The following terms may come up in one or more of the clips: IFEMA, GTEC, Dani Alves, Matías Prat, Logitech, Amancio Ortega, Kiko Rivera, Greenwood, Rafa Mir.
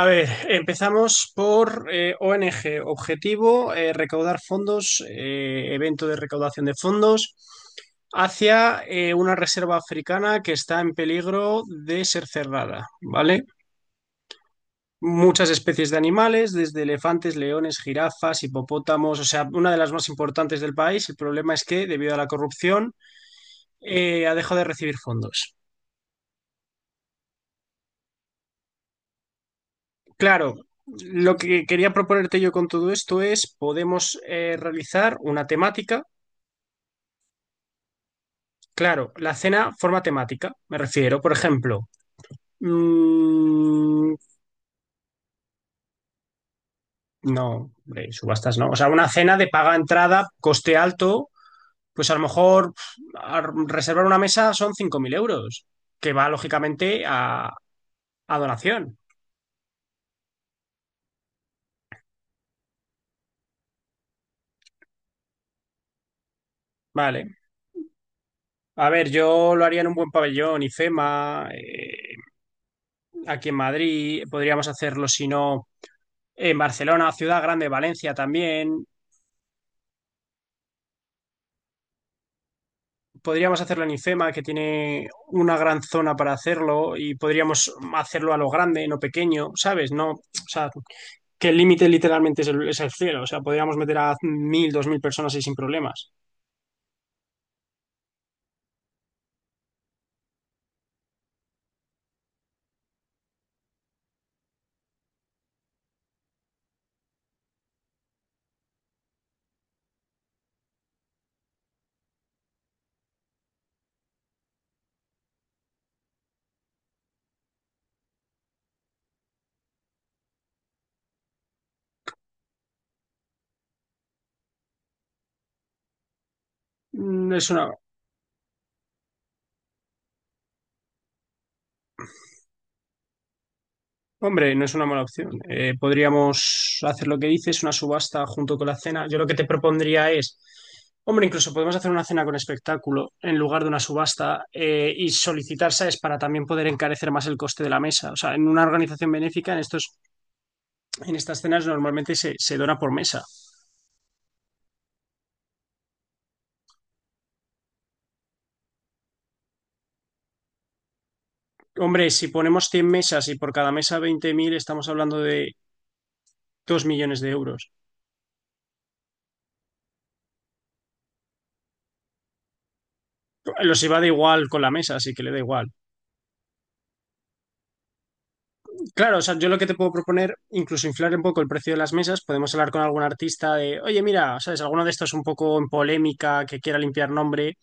A ver, empezamos por ONG, objetivo, recaudar fondos, evento de recaudación de fondos hacia una reserva africana que está en peligro de ser cerrada, ¿vale? Muchas especies de animales, desde elefantes, leones, jirafas, hipopótamos, o sea, una de las más importantes del país. El problema es que, debido a la corrupción, ha dejado de recibir fondos. Claro, lo que quería proponerte yo con todo esto es, podemos realizar una temática. Claro, la cena forma temática, me refiero, por ejemplo, mm, no, hombre, subastas no, o sea, una cena de paga entrada, coste alto, pues a lo mejor pf, a reservar una mesa son 5.000 euros, que va lógicamente a donación, ¿vale? A ver, yo lo haría en un buen pabellón, IFEMA, aquí en Madrid, podríamos hacerlo si no en Barcelona, Ciudad Grande, Valencia también, podríamos hacerlo en IFEMA, que tiene una gran zona para hacerlo, y podríamos hacerlo a lo grande, no pequeño, ¿sabes? No, o sea, que el límite literalmente es el cielo. O sea, podríamos meter a 1.000, 2.000 personas ahí sin problemas. Mm, es una, hombre, no es una mala opción. Podríamos hacer lo que dices, una subasta junto con la cena. Yo lo que te propondría es. Hombre, incluso podemos hacer una cena con espectáculo en lugar de una subasta y solicitar, ¿sabes? Para también poder encarecer más el coste de la mesa. O sea, en una organización benéfica, en estas cenas normalmente se dona por mesa. Hombre, si ponemos 100 mesas y por cada mesa 20.000, estamos hablando de 2 millones de euros. Los iba de igual con la mesa, así que le da igual. Claro, o sea, yo lo que te puedo proponer, incluso inflar un poco el precio de las mesas, podemos hablar con algún artista de, oye, mira, ¿sabes? Alguno de estos un poco en polémica, que quiera limpiar nombre,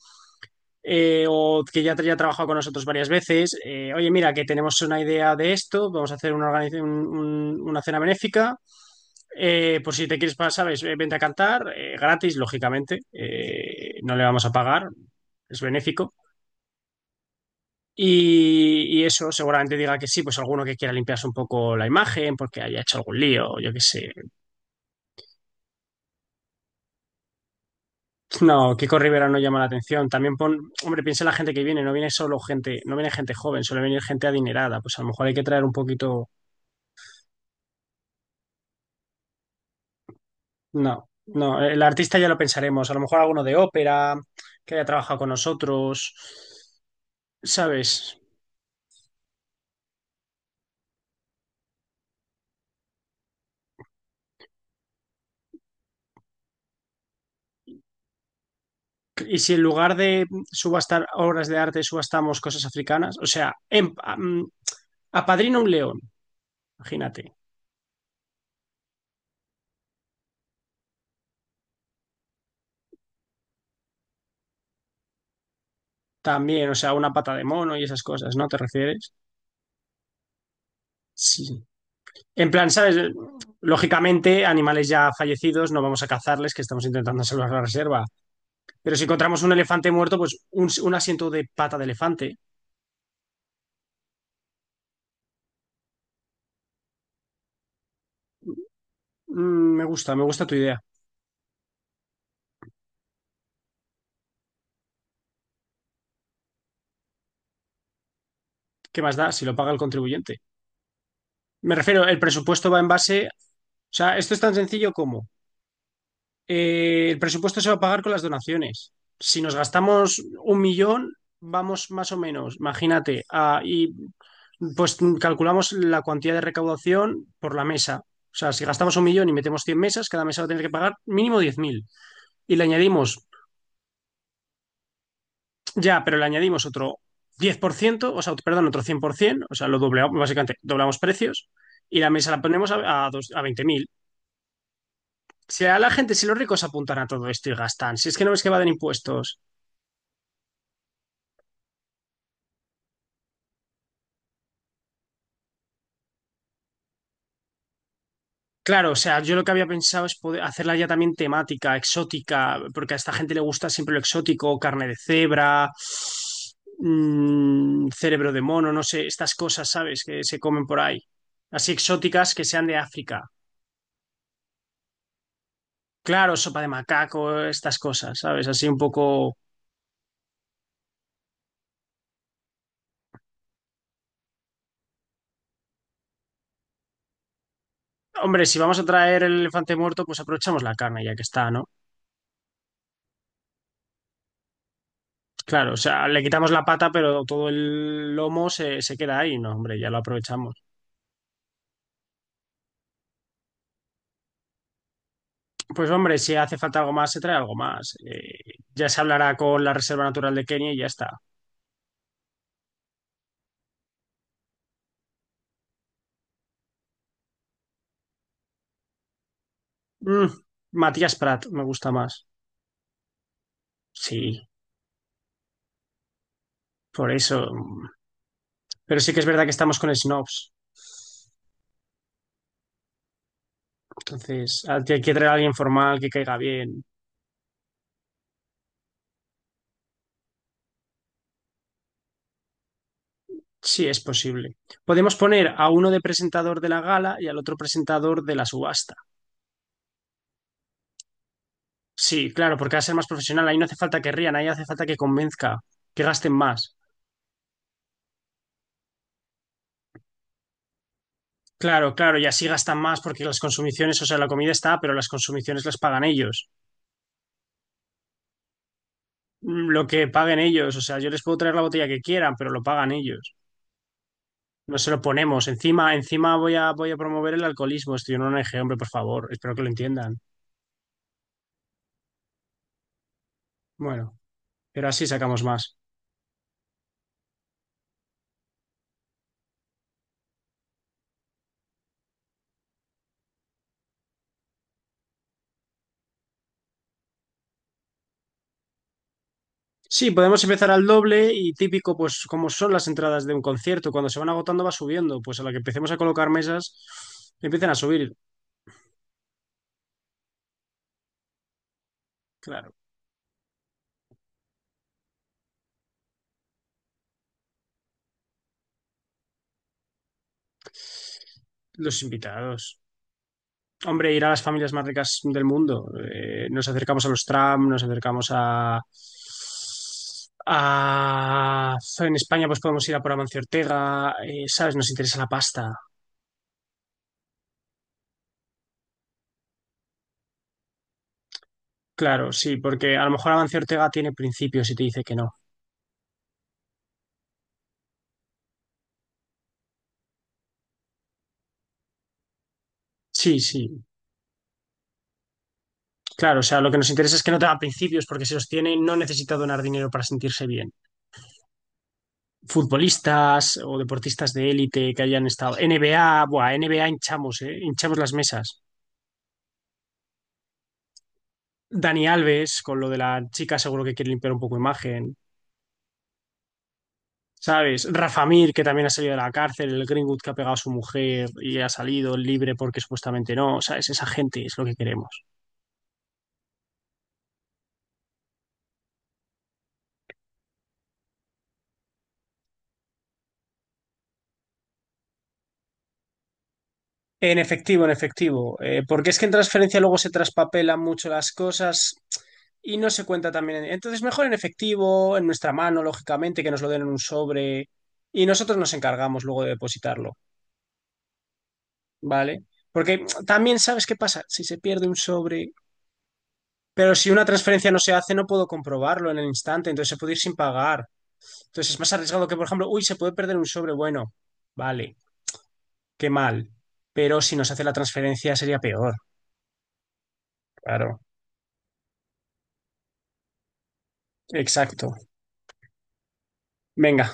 o que ya ha trabajado con nosotros varias veces. Oye, mira, que tenemos una idea de esto, vamos a hacer una, una cena benéfica. Por si te quieres pasar, ¿sabes? Vente a cantar, gratis, lógicamente. No le vamos a pagar, es benéfico. Y eso seguramente diga que sí, pues alguno que quiera limpiarse un poco la imagen porque haya hecho algún lío, yo qué sé. No, Kiko Rivera no llama la atención. También pon, hombre, piensa en la gente que viene, no viene solo gente, no viene gente joven, suele venir gente adinerada. Pues a lo mejor hay que traer un poquito. No, no, el artista ya lo pensaremos. A lo mejor alguno de ópera que haya trabajado con nosotros, ¿sabes? Y si en lugar de subastar obras de arte subastamos cosas africanas, o sea, apadrina un león, imagínate. También, o sea, una pata de mono y esas cosas, ¿no? ¿Te refieres? Sí. En plan, ¿sabes? Lógicamente, animales ya fallecidos no vamos a cazarles, que estamos intentando salvar la reserva. Pero si encontramos un elefante muerto, pues un asiento de pata de elefante. Mm, me gusta tu idea. ¿Qué más da si lo paga el contribuyente? Me refiero, el presupuesto va en base. O sea, esto es tan sencillo como el presupuesto se va a pagar con las donaciones. Si nos gastamos 1 millón, vamos más o menos, imagínate, pues calculamos la cuantía de recaudación por la mesa. O sea, si gastamos 1 millón y metemos 100 mesas, cada mesa va a tener que pagar mínimo 10.000. Y le añadimos. Ya, pero le añadimos otro 10 por ciento, o sea, perdón, otro 100%, o sea, lo doblamos, básicamente doblamos precios y la mesa la ponemos a, a 20.000. Si a la gente, si los ricos apuntan a todo esto y gastan, si es que no ves que va de impuestos. Claro, o sea, yo lo que había pensado es poder hacerla ya también temática, exótica, porque a esta gente le gusta siempre lo exótico, carne de cebra, cerebro de mono, no sé, estas cosas, ¿sabes? Que se comen por ahí. Así exóticas que sean de África. Claro, sopa de macaco, estas cosas, ¿sabes? Así un poco... Hombre, si vamos a traer el elefante muerto, pues aprovechamos la carne ya que está, ¿no? Claro, o sea, le quitamos la pata, pero todo el lomo se queda ahí, ¿no? Hombre, ya lo aprovechamos. Pues hombre, si hace falta algo más, se trae algo más. Ya se hablará con la Reserva Natural de Kenia y ya está. Mm, Matías Prat, me gusta más. Sí, por eso. Mm, pero sí que es verdad que estamos con snobs. Entonces, hay que traer a alguien formal que caiga bien. Sí, es posible. Podemos poner a uno de presentador de la gala y al otro presentador de la subasta. Sí, claro, porque va a ser más profesional. Ahí no hace falta que rían, ahí hace falta que convenzca, que gasten más. Claro, claro, y así gastan más porque las consumiciones, o sea, la comida está, pero las consumiciones las pagan ellos. Mm, lo que paguen ellos, o sea, yo les puedo traer la botella que quieran, pero lo pagan ellos. No se lo ponemos. Encima, encima voy a promover el alcoholismo. Estoy en una ONG, hombre, por favor. Espero que lo entiendan. Bueno, pero así sacamos más. Sí, podemos empezar al doble y típico, pues como son las entradas de un concierto, cuando se van agotando va subiendo, pues a la que empecemos a colocar mesas, empiezan a subir, claro, los invitados. Hombre, ir a las familias más ricas del mundo. Nos acercamos a los Trump, nos acercamos a... En España pues podemos ir a por Amancio Ortega, ¿sabes? Nos interesa la pasta. Claro, sí, porque a lo mejor Amancio Ortega tiene principios y te dice que no. Sí, sí. Claro, o sea, lo que nos interesa es que no tenga principios, porque si los tiene, no necesita donar dinero para sentirse bien. Futbolistas o deportistas de élite que hayan estado. NBA, buah, NBA hinchamos, ¿eh? Hinchamos las mesas. Dani Alves, con lo de la chica, seguro que quiere limpiar un poco imagen. ¿Sabes? Rafa Mir, que también ha salido de la cárcel, el Greenwood que ha pegado a su mujer y ha salido libre porque supuestamente no. ¿Sabes? Esa gente es lo que queremos. En efectivo, en efectivo. Porque es que en transferencia luego se traspapelan mucho las cosas y no se cuenta también. Entonces, mejor en efectivo, en nuestra mano, lógicamente, que nos lo den en un sobre y nosotros nos encargamos luego de depositarlo, ¿vale? Porque también sabes qué pasa, si se pierde un sobre, pero si una transferencia no se hace, no puedo comprobarlo en el instante, entonces se puede ir sin pagar. Entonces es más arriesgado que, por ejemplo, uy, se puede perder un sobre, bueno, vale, qué mal. Pero si nos hace la transferencia sería peor, claro. Exacto. Venga.